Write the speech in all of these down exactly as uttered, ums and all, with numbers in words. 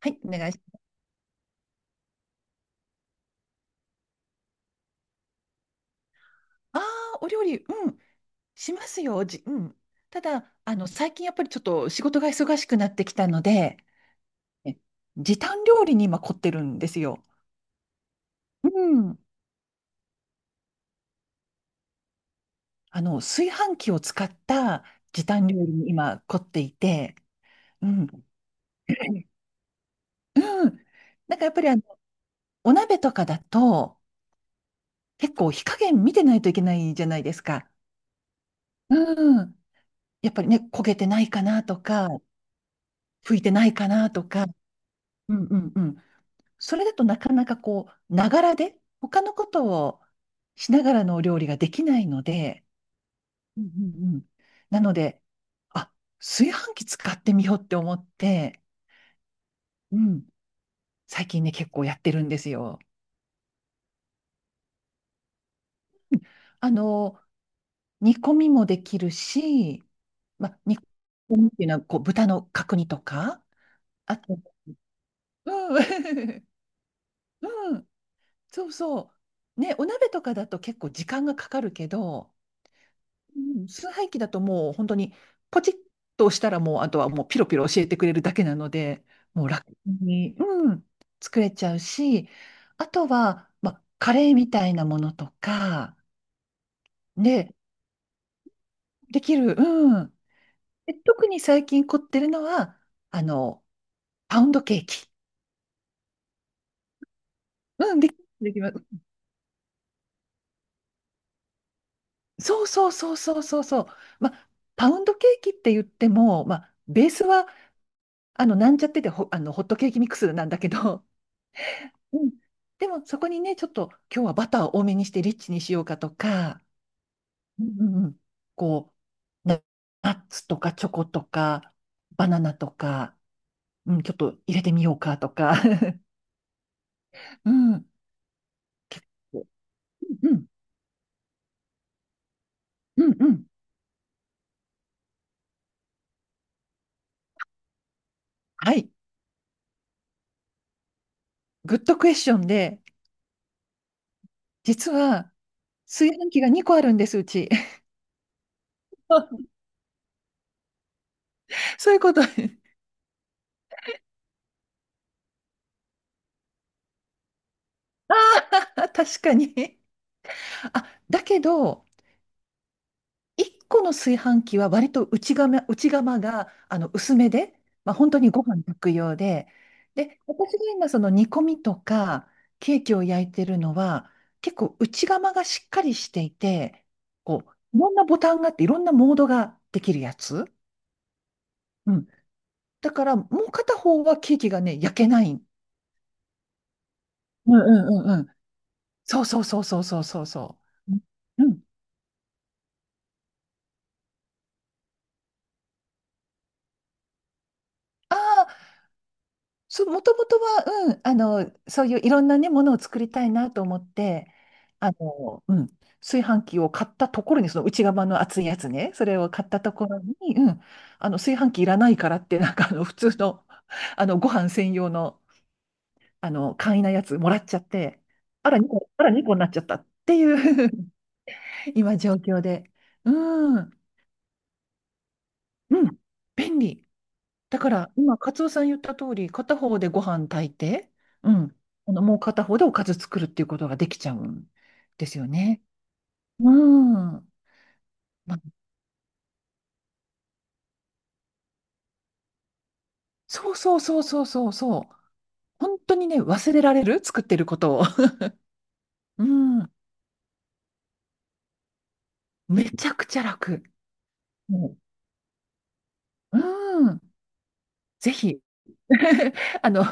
はい、お願いします。ああ、お料理、うん、しますよ。じ、うん。ただ、あの、最近やっぱりちょっと仕事が忙しくなってきたので、え時短料理に今凝ってるんですよ。うん。あの、炊飯器を使った時短料理に今凝っていて、うん。うん。なんかやっぱりあの、お鍋とかだと、結構火加減見てないといけないじゃないですか。うん。やっぱりね、焦げてないかなとか、拭いてないかなとか。うんうんうん。それだとなかなかこう、ながらで、他のことをしながらのお料理ができないので、うんうんうん。なので、あ、炊飯器使ってみようって思って、うん、最近ね、結構やってるんですよ。うんあの、煮込みもできるし、ま、煮込みっていうのはこう豚の角煮とか、あと、うん、うん、そうそう。ね、お鍋とかだと結構時間がかかるけど、うん崇拝機だともう本当にポチッと押したらもうあとはもうピロピロ教えてくれるだけなので、もう楽に、うん、作れちゃうし、あとは、まあ、カレーみたいなものとか、で、できる、うん。で特に最近凝ってるのは、あの、パウンドケーキ。うん、でき、できます。そうそうそうそうそうそう。まあ、パウンドケーキって言っても、まあ、ベースは、あの、なんちゃっててほ、あの、ホットケーキミックスなんだけど、うんでもそこにね、ちょっと今日はバターを多めにしてリッチにしようかとか、うんうんうんこう、ナナッツとかチョコとか、バナナとか、うん、ちょっと入れてみようかとか。うん、うん、うん、うんうん。はい。グッドクエスチョンで、実は炊飯器がにこあるんです、うち。そういうこと。ああ、確かに。あ、だけど、いっこの炊飯器は割と内釜、内釜があの薄めで、まあ、本当にご飯炊く用で、で、私が今その煮込みとかケーキを焼いてるのは結構内釜がしっかりしていて、こう、いろんなボタンがあっていろんなモードができるやつ。うん。だからもう片方はケーキがね、焼けない。うんうんうんうん。そうそうそうそうそうそうそう。うん。ああ、そう、もともとは、うん、あの、そういういろんなね、ものを作りたいなと思って、あの、うん、炊飯器を買ったところに、その内釜の熱いやつね、それを買ったところに、うん、あの、炊飯器いらないからって、なんかあの、普通の、あの、ご飯専用の、あの、簡易なやつもらっちゃって、あら、にこ、あら、にこになっちゃったっていう 今、状況で。うん、うん、便利。だから今、カツオさん言った通り、片方でご飯炊いて、うん、あのもう片方でおかず作るっていうことができちゃうんですよね。うん。まあ、そうそうそうそうそうそう。本当にね、忘れられる作ってることを。うん。めちゃくちゃ楽。もう、うん。ぜひ。あの、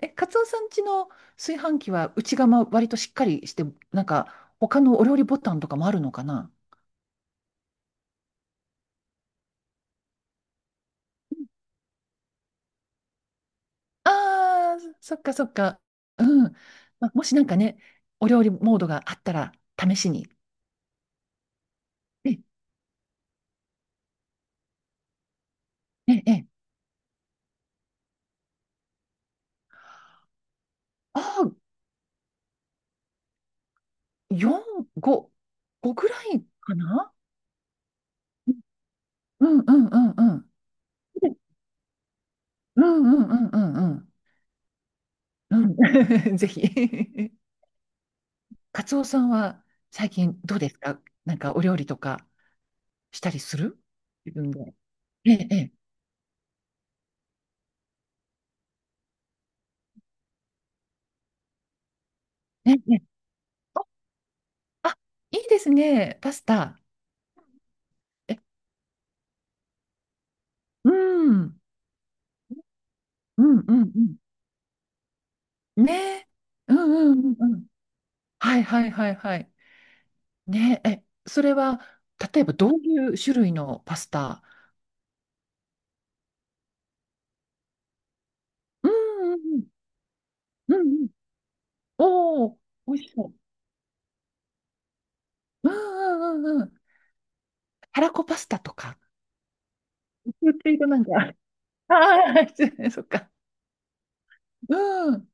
え、カツオさん家の炊飯器は内釜割としっかりして、なんか他のお料理ボタンとかもあるのかな。ああ、そっかそっか。うん。まもしなんかね、お料理モードがあったら、試しに。え、え、え、ああ、よん、ご、ごぐらいかな。うんうんうんうん。うんうんうんうんうん。うん。ぜひ。カツオさんは最近どうですか。なんかお料理とかしたりする、自分で。ええ、ええ、ええ。あ、いいですね。パスタ。え、うん。うんうんうん。ねえ。うんうんうんうん。はいはいはいはい。ねえ、えそれは、例えばどういう種類のパスタ。うんうんうん。うんうん。おお、美味しそう。うんうんうんうん。たらこパスタとか。言っていたなんか。ああ、失礼そっか。うん。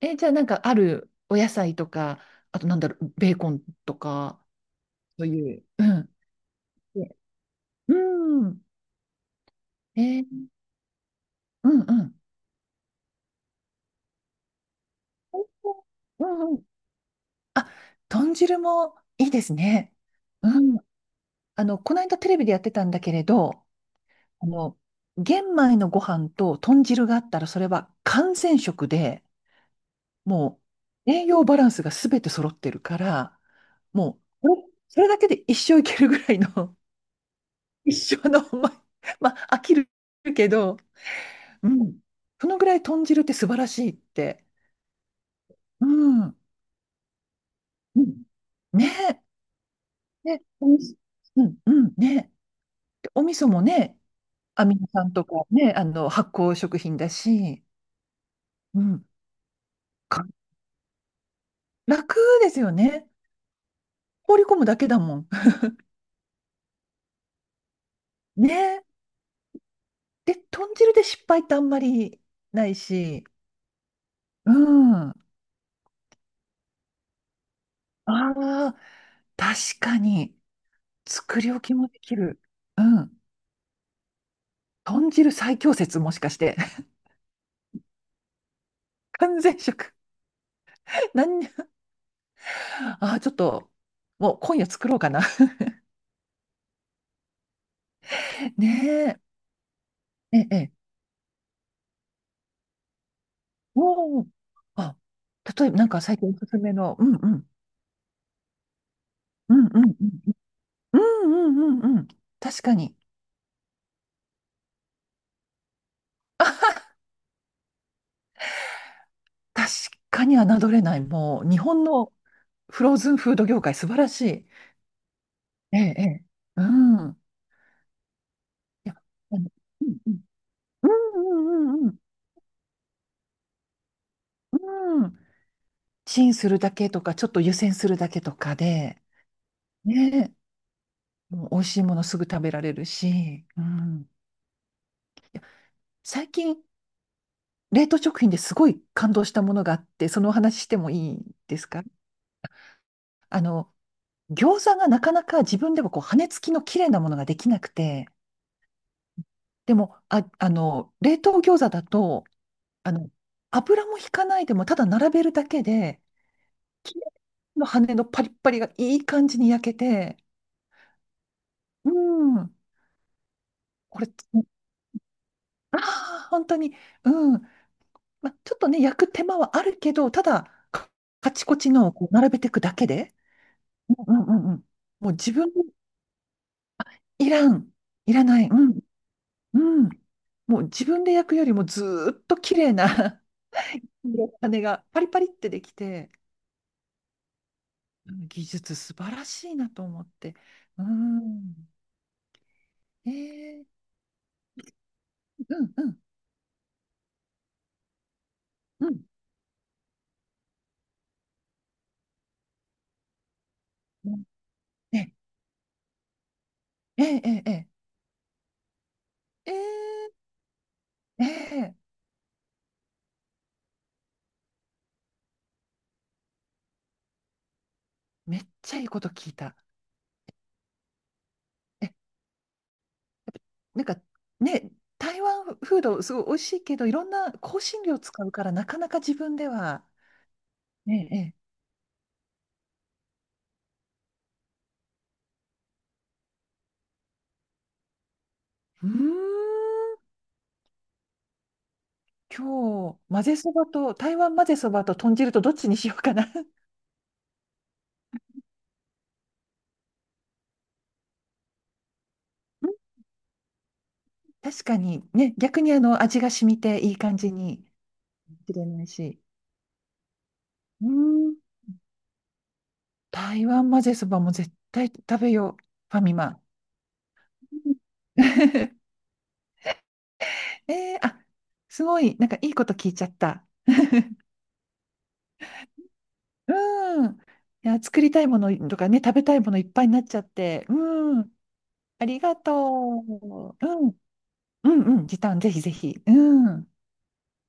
え、じゃあなんかあるお野菜とか、あとなんだろう、ベーコンとか、そういう。うん。うん。えーうんうん。うんうん。あ、豚汁もいいですね。うん。あの、この間テレビでやってたんだけれど、あの、玄米のご飯と豚汁があったら、それは完全食で、もう栄養バランスがすべて揃ってるから、もう、これそれだけで一生いけるぐらいの、一生の、まあ、まあ飽きるけど、うん。そのぐらい豚汁って素晴らしいって。うん。うんねえ。ね、おみうん、うん、ねえ。でお味噌もね、アミノ酸とかね、あの、発酵食品だし、うん、か楽ですよね。放り込むだけだもん。ね。で、豚汁で失敗ってあんまりないし、うん。ああ、確かに、作り置きもできる。うん。豚汁最強説、もしかして。完全食。何に、ああ、ちょっと、もう今夜作ろうかな。ねえ。ええ。ええおお。あ、例えば、なんか最近おすすめの、うんうん。うんうんうん。うんうんうんうん。確かに。確かに侮れない。もう、日本のフローズンフード業界、素晴らしい。ええ、ええ。うん。いや、あのうんうんうんうんうんうん。うん。チンするだけとか、ちょっと湯煎するだけとかで、ねえ、もう美味しいものすぐ食べられるし、うん。最近、冷凍食品ですごい感動したものがあって、そのお話してもいいですか。あの、餃子がなかなか自分でもこう、羽根付きの綺麗なものができなくて、でも、あ、あの、冷凍餃子だと、あの、油も引かないでも、ただ並べるだけで、きれいの羽のパリッパリがいい感じに焼けて、うん、これ、ああ、本当に、うん、ま、ちょっとね、焼く手間はあるけど、ただ、カカチコチのをこう並べていくだけで、うんうんうんうん、もう自分いらん、いらない、うん、うん、もう自分で焼くよりもずーっと綺麗な 羽がパリパリってできて、技術素晴らしいなと思って。うん。えー、うんうんうん。うんえ、え、え、え、え、え、えー、めっちゃいいこと聞いた。え、なんかね、台湾フードすごい美味しいけど、いろんな香辛料使うからなかなか自分では。ええ、ええうーん、今日、混ぜそばと、台湾混ぜそばと豚汁とどっちにしようかな。うん確かにね、逆にあの味が染みていい感じにしれないし。うーん台湾混ぜそばも絶対食べよう。ファミマ。えー、あ、すごい、なんかいいこと聞いちゃった。うん。いや、作りたいものとかね、食べたいものいっぱいになっちゃって。うん。ありがとう。うん。うんうん。時短、ぜひぜひ。うん。